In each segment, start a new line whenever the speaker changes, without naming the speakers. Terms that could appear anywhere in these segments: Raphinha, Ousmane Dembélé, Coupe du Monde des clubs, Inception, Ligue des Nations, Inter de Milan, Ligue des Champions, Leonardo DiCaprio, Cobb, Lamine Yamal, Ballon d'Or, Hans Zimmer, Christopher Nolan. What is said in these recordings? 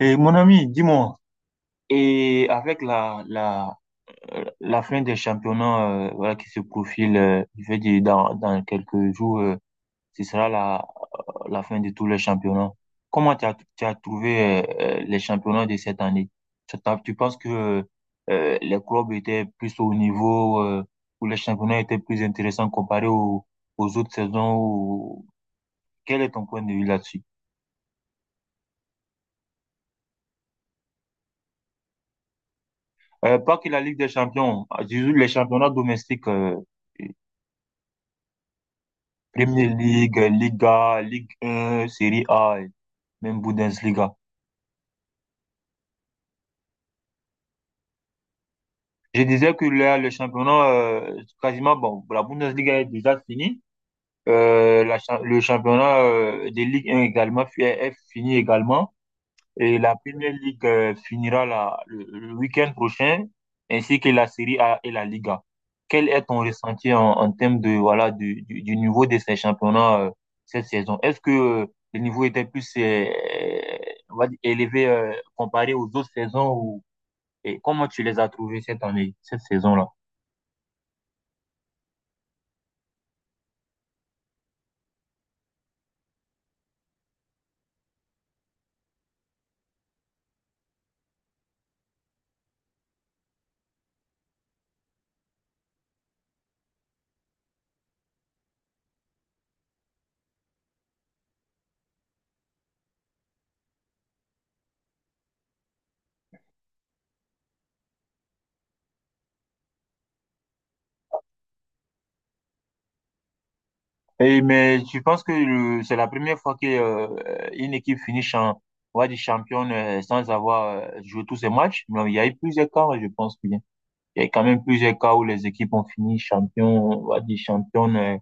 Et mon ami, dis-moi, et avec la fin des championnats voilà, qui se profile, je veux dire dans quelques jours, ce sera la fin de tous les championnats. Comment tu as trouvé les championnats de cette année? Tu penses que les clubs étaient plus au niveau, ou les championnats étaient plus intéressants comparés aux autres saisons? Ou... Quel est ton point de vue là-dessus? Pas que la Ligue des Champions, je les championnats domestiques. Premier League, Liga, Ligue 1, Série A, et même Bundesliga. Je disais que là, le championnat, quasiment, bon, la Bundesliga est déjà finie. Le championnat des Ligue 1 également est fini également. Et la Premier League finira le week-end prochain, ainsi que la Série A et la Liga. Quel est ton ressenti en termes de, voilà, du niveau de ces championnats cette saison? Est-ce que le niveau était plus on va dire, élevé comparé aux autres saisons ou et comment tu les as trouvés cette année, cette saison-là? Et, mais tu penses que c'est la première fois que une équipe finit champ, on va dire championne sans avoir joué tous ses matchs? Non, il y a eu plusieurs cas, je pense. Il y a quand même plusieurs cas où les équipes ont fini champion, on va dire championne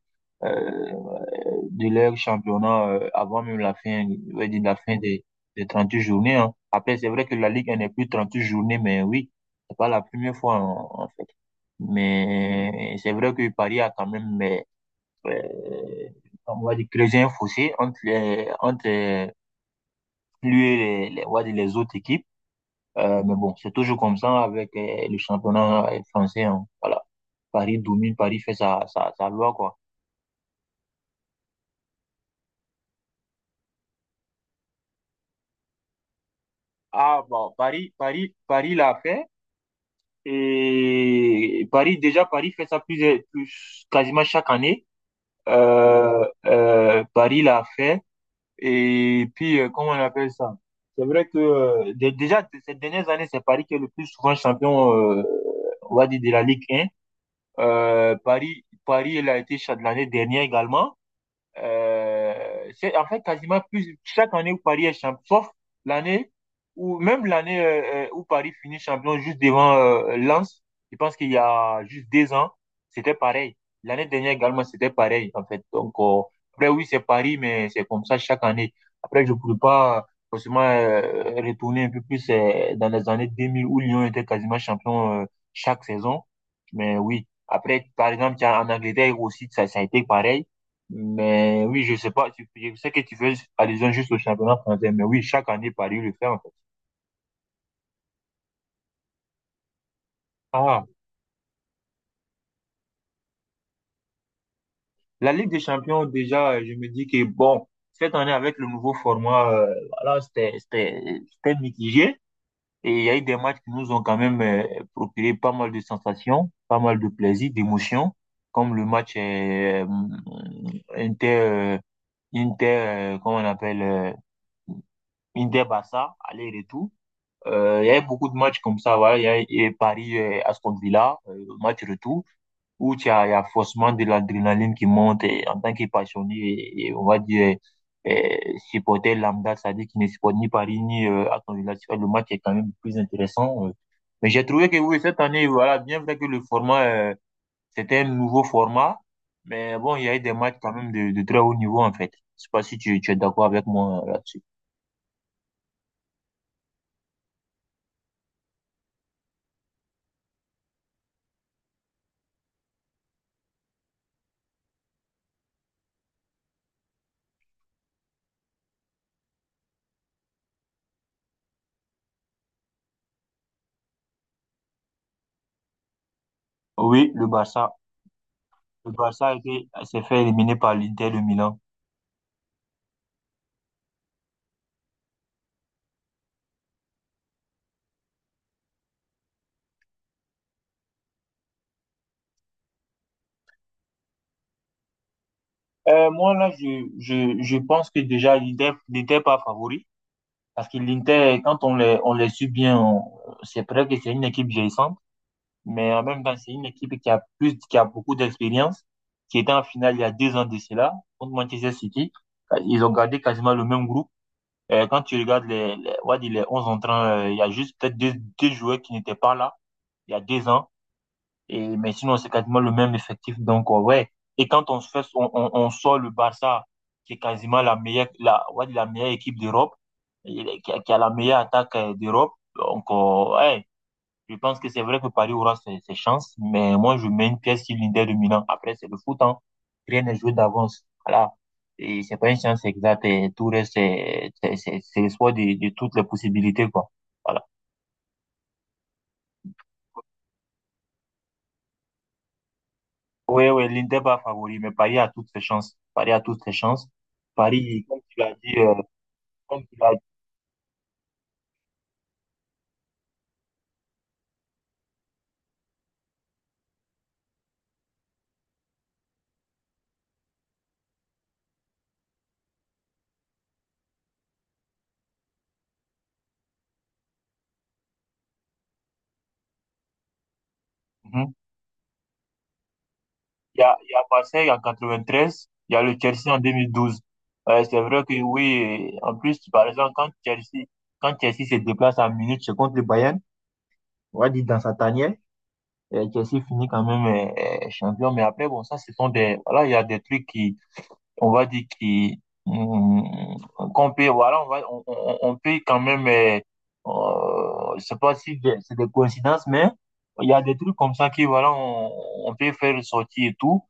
euh, de leur championnat avant même la fin, on va dire la fin des huit journées, hein. Après, c'est vrai que la Ligue elle n'est plus 38 journées, mais oui, c'est pas la première fois en fait. Mais c'est vrai que Paris a quand même, mais, euh, on va dire, creusé un fossé entre les, entre lui et on va dire, les autres équipes. Mais bon, c'est toujours comme ça avec le championnat français, hein. Voilà. Paris domine, Paris fait sa loi, quoi. Ah, bon, Paris l'a fait. Et Paris, déjà, Paris fait ça plus, plus quasiment chaque année. Paris l'a fait. Et puis, comment on appelle ça? C'est vrai que déjà, ces dernières années, c'est Paris qui est le plus souvent champion, on va dire, de la Ligue 1. Il a été cha- l'année dernière également. C'est en fait quasiment plus chaque année où Paris est champion, sauf l'année où même l'année où Paris finit champion juste devant Lens. Je pense qu'il y a juste deux ans, c'était pareil. L'année dernière également, c'était pareil en fait. Donc après oui, c'est Paris, mais c'est comme ça chaque année. Après, je ne pourrais pas forcément retourner un peu plus dans les années 2000 où Lyon était quasiment champion chaque saison. Mais oui, après, par exemple, tiens, en Angleterre aussi, ça a été pareil. Mais oui, je sais pas, tu, je sais que tu fais allusion juste au championnat français, mais oui, chaque année, Paris le fait, en fait. Ah, la Ligue des Champions, déjà, je me dis que bon, cette année, avec le nouveau format, voilà, c'était mitigé. Et il y a eu des matchs qui nous ont quand même procuré pas mal de sensations, pas mal de plaisir, d'émotions, comme le match Inter, euh, Inter, comment on appelle, Inter-Barça, aller-retour. Il y avait beaucoup de matchs comme ça, voilà. Il y a Paris Aston Villa, match retour, où tu as, il y a forcément de l'adrénaline qui monte et, en tant que passionné et on va dire euh, supporter lambda, c'est-à-dire qui ne supporte ni Paris ni Aston Villa. Tu vois, le match est quand même plus intéressant. Mais j'ai trouvé que oui, cette année, voilà, bien vrai que le format, c'était un nouveau format, mais bon, il y a eu des matchs quand même de très haut niveau en fait. Je sais pas si tu es d'accord avec moi là-dessus. Oui, le Barça. Le Barça s'est fait éliminer par l'Inter de Milan. Moi, là, je pense que déjà, l'Inter n'était pas favori. Parce que l'Inter, quand on les suit bien, on- c'est vrai que c'est une équipe vieillissante. Mais en même temps, c'est une équipe qui a plus, qui a beaucoup d'expérience, qui était en finale il y a 2 ans de cela, contre Manchester City. Ils ont gardé quasiment le même groupe. Quand tu regardes on va dire les 11 entrants, il y a juste peut-être deux joueurs qui n'étaient pas là il y a 2 ans. Et, mais sinon, c'est quasiment le même effectif. Donc, ouais. Et quand on, se fait, on sort le Barça, qui est quasiment la meilleure, la, ouais la meilleure équipe d'Europe, et qui a la meilleure attaque d'Europe. Donc, ouais, je pense que c'est vrai que Paris aura ses chances, mais moi, je mets une pièce sur l'Inter de Milan. Après, c'est le foot, hein. Rien n'est joué d'avance. Voilà. Et c'est pas une chance exacte. Et tout reste, c'est l'espoir de toutes les possibilités, quoi. Voilà. Oui, oui, l'Inter pas favori, mais Paris a toutes ses chances. Paris a toutes ses chances. Paris, comme tu l'as dit, comme tu l'as dit, mhm. Il y a Marseille en 93, il y a le Chelsea en 2012. C'est vrai que oui, en plus, par exemple, quand Chelsea se déplace à Munich, c'est contre le Bayern, on va dire dans sa tanière, Chelsea finit quand même champion. Mais après, bon, ça, ce sont des, voilà, il y a des trucs qui, on va dire qui mm, qu'on peut voilà on va on peut quand même je sais pas si c'est des coïncidences mais il y a des trucs comme ça qui voilà on peut faire sortir et tout.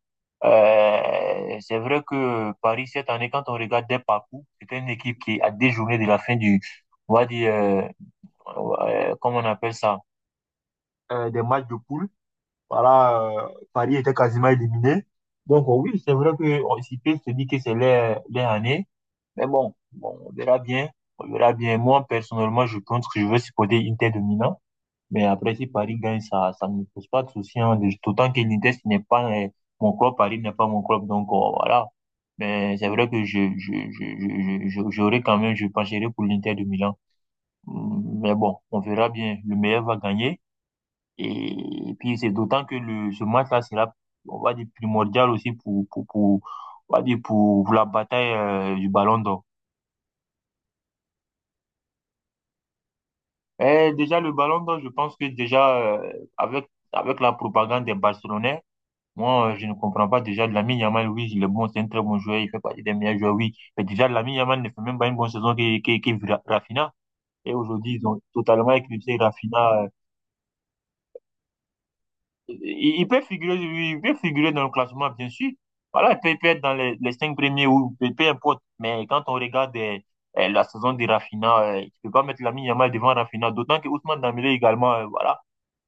C'est vrai que Paris cette année quand on regarde des parcours c'est une équipe qui a des journées de la fin du on va dire comment on appelle ça des matchs de poule voilà Paris était quasiment éliminé donc oui c'est vrai que on s'y peut se dire que c'est leur année mais bon, on verra bien. On verra bien. Moi, personnellement, je pense que je veux supporter Inter de Milan. Mais après, si Paris gagne, ça ne me pose pas de souci, hein. D'autant que l'Inter, ce n'est pas mon club. Paris n'est pas mon club. Donc, voilà. Mais c'est vrai que j'aurais quand même, je pencherais pour l'Inter de Milan. Mais bon, on verra bien. Le meilleur va gagner. Et puis, c'est d'autant que le, ce match-là sera, on va dire, primordial aussi pour, on va dire, pour la bataille, du Ballon d'Or. Eh, déjà, le ballon d'or, je pense que déjà, avec la propagande des Barcelonais, moi, je ne comprends pas déjà Lamine Yamal, oui, il est bon, c'est un très bon joueur, il fait partie des meilleurs joueurs, oui. Mais déjà, Lamine Yamal ne fait même pas une bonne saison que Rafinha. Et aujourd'hui, ils ont totalement éclipsé Rafinha. Il peut figurer, oui, il peut figurer dans le classement, bien sûr. Voilà, il peut être dans les 5 premiers ou peu importe. Mais quand on regarde la saison de Rafinha, tu peux pas mettre Lamine Yamal devant Rafinha, d'autant que Ousmane Dembélé également, voilà.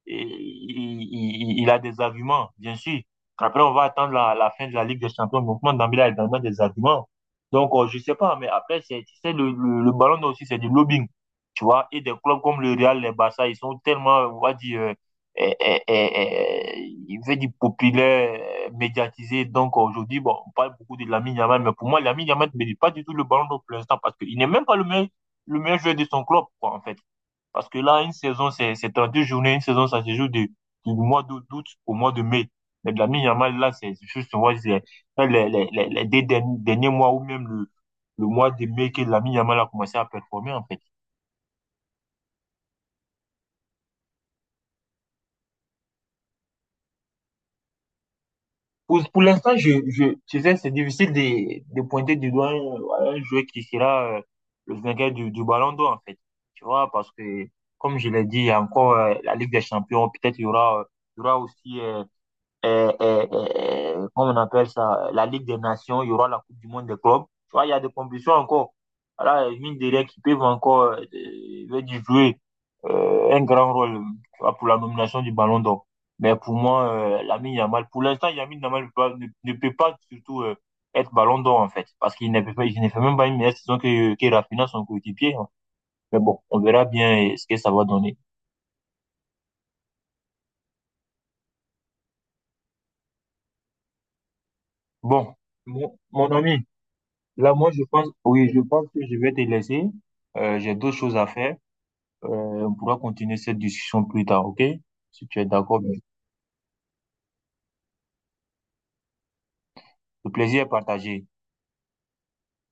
Et il a des arguments, bien sûr. Après, on va attendre la fin de la Ligue des Champions. Le mouvement Dembélé a également des arguments. Donc, je ne sais pas, mais après, c'est, tu sais, le ballon d'or aussi, c'est du lobbying. Tu vois, et des clubs comme le Real, les Barça, ils sont tellement, on va dire, euh, euh, euh, il veut dire populaire, médiatisé. Donc, aujourd'hui, bon, on parle beaucoup de Lamine Yamal, mais pour moi, Lamine Yamal ne mérite pas du tout le ballon d'or pour l'instant parce qu'il n'est même pas le meilleur joueur de son club, quoi, en fait. Parce que là, une saison, c'est 32 journées. Une saison, ça se joue du mois d'août au mois de mai. Mais de la mi-yamal, là, c'est juste, on voit, c'est les deux derniers mois ou même le mois de mai que la mi yamal a commencé à performer, en fait. Pour l'instant, tu sais, c'est difficile de pointer du doigt un joueur qui sera le vainqueur du ballon d'or, en fait. Tu vois, parce que, comme je l'ai dit, il y a encore la Ligue des Champions. Peut-être il y aura aussi comment on appelle ça, la Ligue des Nations, il y aura la Coupe du Monde des clubs. Tu vois, il y a des compétitions encore. Voilà, mine de rien, qui peuvent encore veut dire jouer un grand rôle tu vois, pour la nomination du Ballon d'Or. Mais pour moi, Lamine Yamal, pour l'instant, Lamine Yamal ne, ne peut pas surtout être Ballon d'Or, en fait, parce qu'il ne peut pas, il ne fait même pas une meilleure saison que Raphinha, son coéquipier, hein. Mais bon, on verra bien ce que ça va donner. Bon, mon ami. Là, moi, je pense, oui, je pense que je vais te laisser. J'ai d'autres choses à faire. On pourra continuer cette discussion plus tard, ok? Si tu es d'accord, bien. Le plaisir est partagé.